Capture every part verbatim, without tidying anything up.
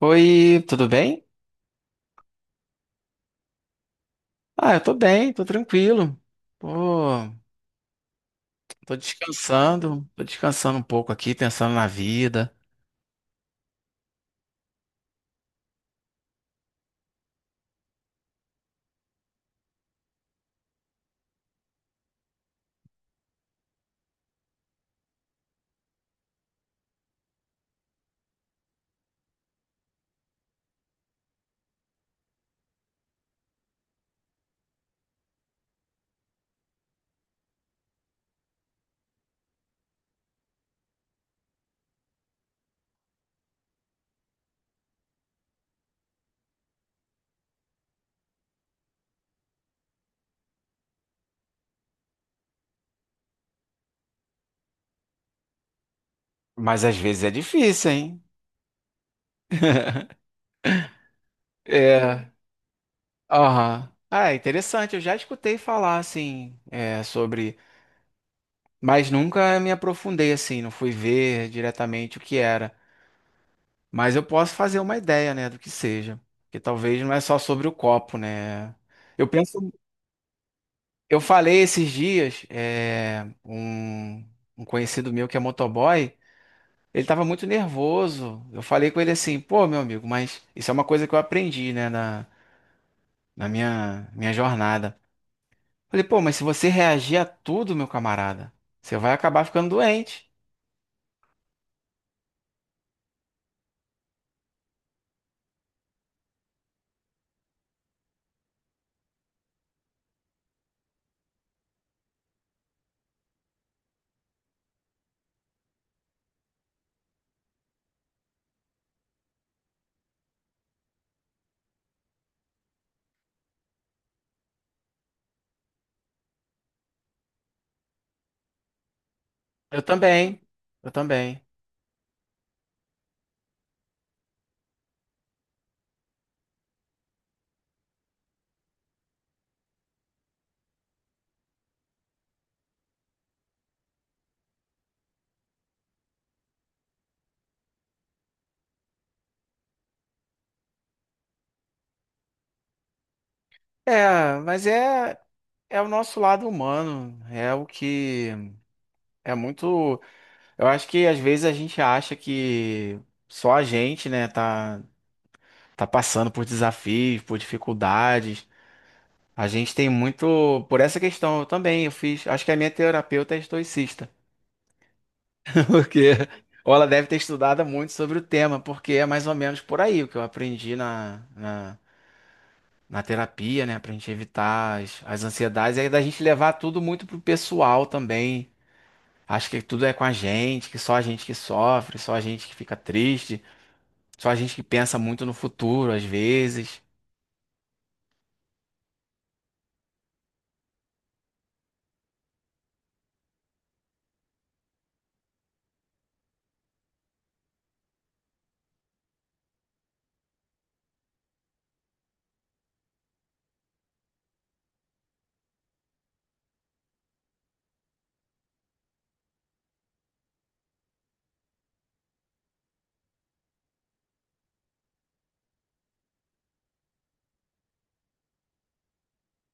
Oi, tudo bem? Ah, eu tô bem, tô tranquilo. Pô, tô descansando, tô descansando um pouco aqui, pensando na vida. Mas às vezes é difícil, hein? É, aham. Ah, é interessante, eu já escutei falar, assim, é, sobre... Mas nunca me aprofundei, assim, não fui ver diretamente o que era. Mas eu posso fazer uma ideia, né, do que seja. Porque talvez não é só sobre o copo, né? Eu penso Eu falei esses dias, é, um, um conhecido meu que é motoboy, ele tava muito nervoso. Eu falei com ele assim, pô, meu amigo, mas isso é uma coisa que eu aprendi, né, na, na minha, minha jornada. Falei, pô, mas se você reagir a tudo, meu camarada, você vai acabar ficando doente. Eu também, eu também. É, mas é, é o nosso lado humano, é o que é muito. Eu acho que às vezes a gente acha que só a gente, né, tá. tá passando por desafios, por dificuldades. A gente tem muito. Por essa questão eu também, eu fiz. Acho que a minha terapeuta é estoicista. Porque. Ou ela deve ter estudado muito sobre o tema, porque é mais ou menos por aí o que eu aprendi na, na, na terapia, né? Pra gente evitar as, as ansiedades. E aí da gente levar tudo muito pro pessoal também. Acho que tudo é com a gente, que só a gente que sofre, só a gente que fica triste, só a gente que pensa muito no futuro, às vezes.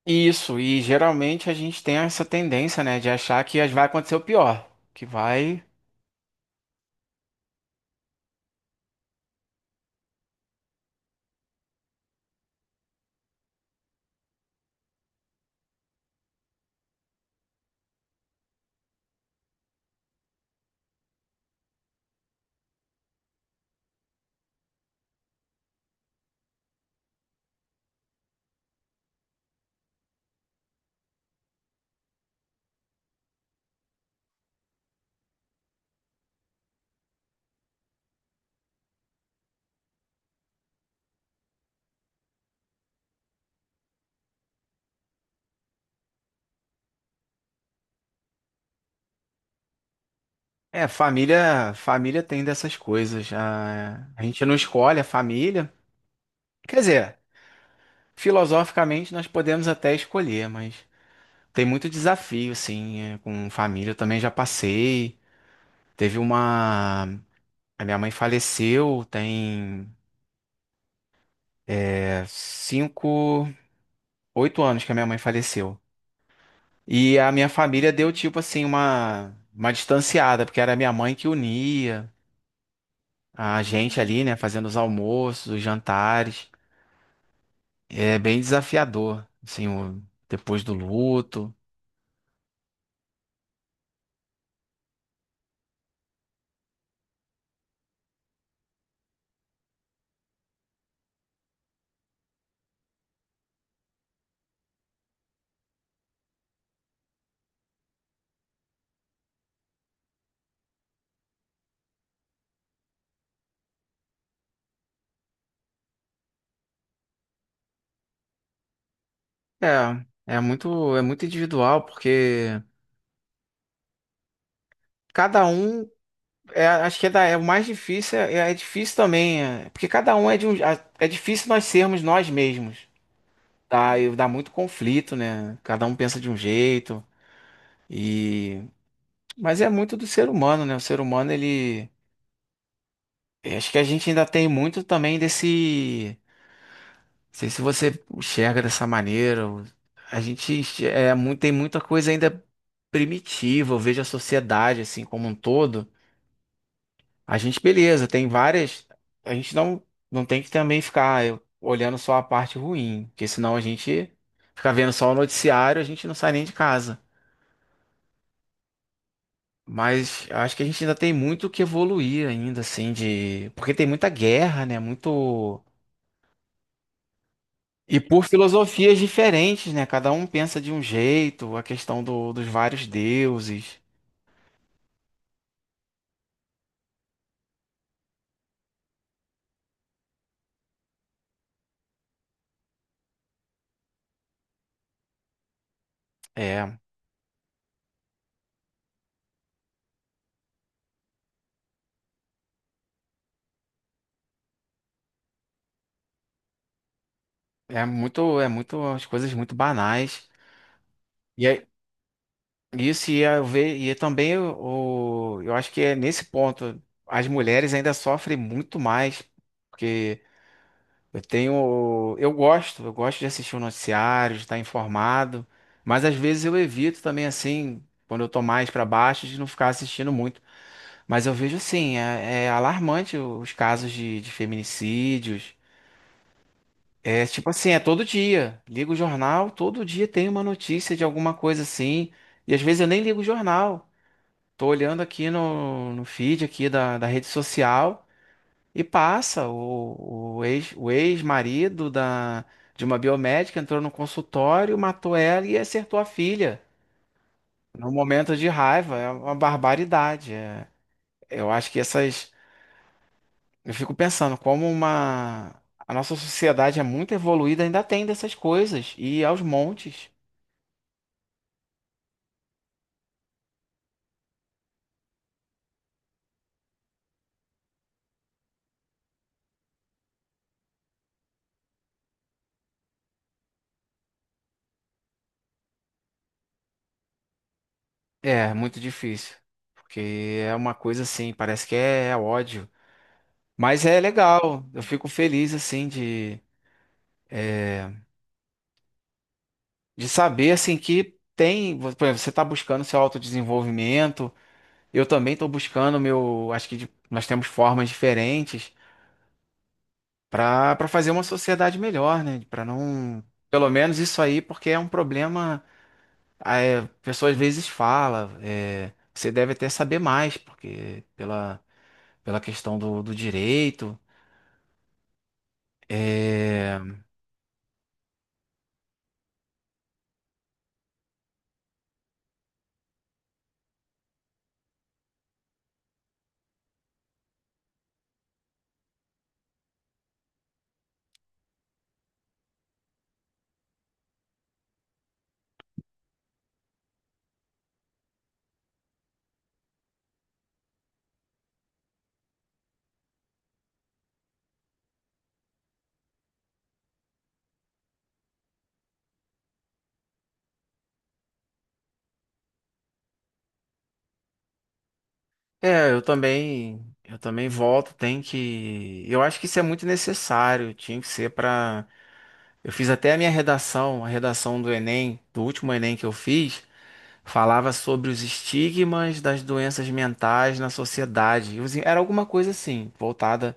Isso, e geralmente a gente tem essa tendência, né, de achar que as- vai acontecer o pior, que vai... É, família, família tem dessas coisas, a, a gente não escolhe a família, quer dizer, filosoficamente nós podemos até escolher, mas tem muito desafio, assim, é, com família, eu também já passei, teve uma... A minha mãe faleceu, tem é, cinco, oito anos que a minha mãe faleceu. E a minha família deu tipo assim uma uma distanciada, porque era minha mãe que unia a gente ali, né, fazendo os almoços, os jantares. É bem desafiador, assim, o- depois do luto. É, é muito é muito individual, porque cada um é, acho que é, da, é o mais difícil, é, é difícil também, é, porque cada um é de um, é é difícil nós sermos nós mesmos. Dá, dá muito conflito, né? Cada um pensa de um jeito. E Mas é muito do ser humano, né? O ser humano, ele. eu Acho que a gente ainda tem muito também desse. Não sei se você enxerga dessa maneira. ou- A gente enx- é, muito, tem muita coisa ainda primitiva. Eu vejo a sociedade, assim, como um todo. A gente, beleza, tem várias. A gente não, não tem que também ficar eu, olhando só a parte ruim, porque senão a gente fica vendo só o noticiário, a gente não sai nem de casa. Mas acho que a gente ainda tem muito que evoluir ainda, assim, de. Porque tem muita guerra, né? Muito. E por filosofias diferentes, né? Cada um pensa de um jeito, a questão do- dos vários deuses. É, é muito, é muito, as coisas muito banais. E é, isso ia ver, e também o, eu acho que é nesse ponto as mulheres ainda sofrem muito mais, porque Eu tenho, eu gosto, eu gosto de assistir o noticiário, de estar informado, mas às vezes eu evito também assim, quando eu tô mais para baixo, de não ficar assistindo muito. Mas eu vejo assim, é, é alarmante os casos de, de feminicídios. É tipo assim, é todo dia. Ligo o jornal, todo dia tem uma notícia de alguma coisa assim. E às vezes eu nem ligo o jornal. Tô olhando aqui no, no feed aqui da, da rede social. E passa, o, o ex, o ex-marido da, de uma biomédica entrou no consultório, matou ela e acertou a filha. Num momento de raiva, é uma barbaridade. é. Eu acho que essas. Eu fico pensando como uma. A nossa sociedade é muito evoluída, ainda tem dessas coisas, e aos montes. É, muito difícil. Porque é uma coisa assim, parece que é, ódio. Mas é legal, eu fico feliz assim de de saber assim que tem, por exemplo, você está buscando seu autodesenvolvimento, eu também estou buscando meu, acho que de- nós temos formas diferentes para para fazer uma sociedade melhor, né? Para não, pelo menos isso aí, porque é um problema, a é, pessoa às vezes fala, é, você deve até saber mais, porque pela pela questão do, do direito, é, é, eu também, eu também, volto, tem que, eu acho que isso é muito necessário, tinha que ser para Eu fiz até a minha redação, a redação do Enem, do último Enem que eu fiz, falava sobre os estigmas das doenças mentais na sociedade. E os- Era alguma coisa assim, voltada.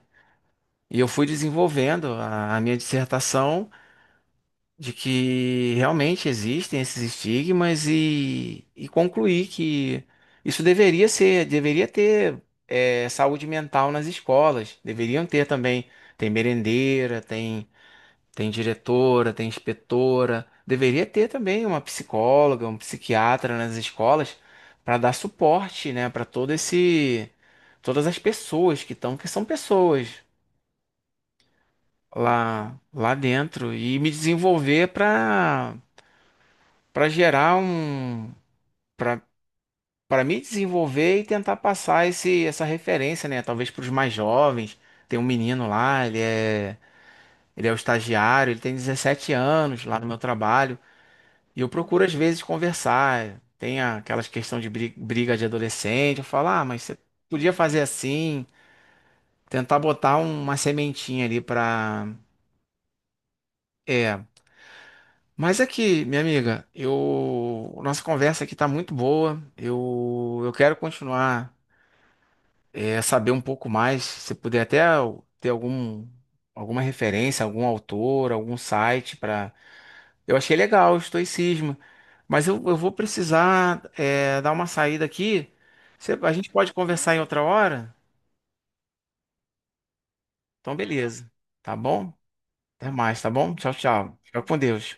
E eu fui desenvolvendo a, a minha dissertação de que realmente existem esses estigmas e, e concluí que isso deveria ser, deveria ter eh, saúde mental nas escolas, deveriam ter também. Tem merendeira, tem. Tem diretora, tem inspetora. Deveria ter também uma psicóloga, um psiquiatra nas escolas para dar suporte, né, para todo esse todas as pessoas que estão, que são pessoas lá lá dentro e me desenvolver para para gerar um para para me desenvolver e tentar passar esse essa referência, né, talvez para os mais jovens. Tem um menino lá, ele é ele é o estagiário, ele tem dezessete anos lá no meu trabalho. E eu procuro às vezes conversar. Tem a- aquelas questões de bri- briga de adolescente. Eu falo, ah, mas você podia fazer assim, tentar botar um- uma sementinha ali pra. É. Mas aqui, minha amiga, eu. Nossa conversa aqui tá muito boa. Eu, eu quero continuar, é, saber um pouco mais. Se puder até ter algum, alguma referência, algum autor, algum site para Eu achei legal o estoicismo, mas eu, eu vou precisar é, dar uma saída aqui. Você- a gente pode conversar em outra hora? Então, beleza. Tá bom? Até mais, tá bom? Tchau, tchau. Fica com Deus.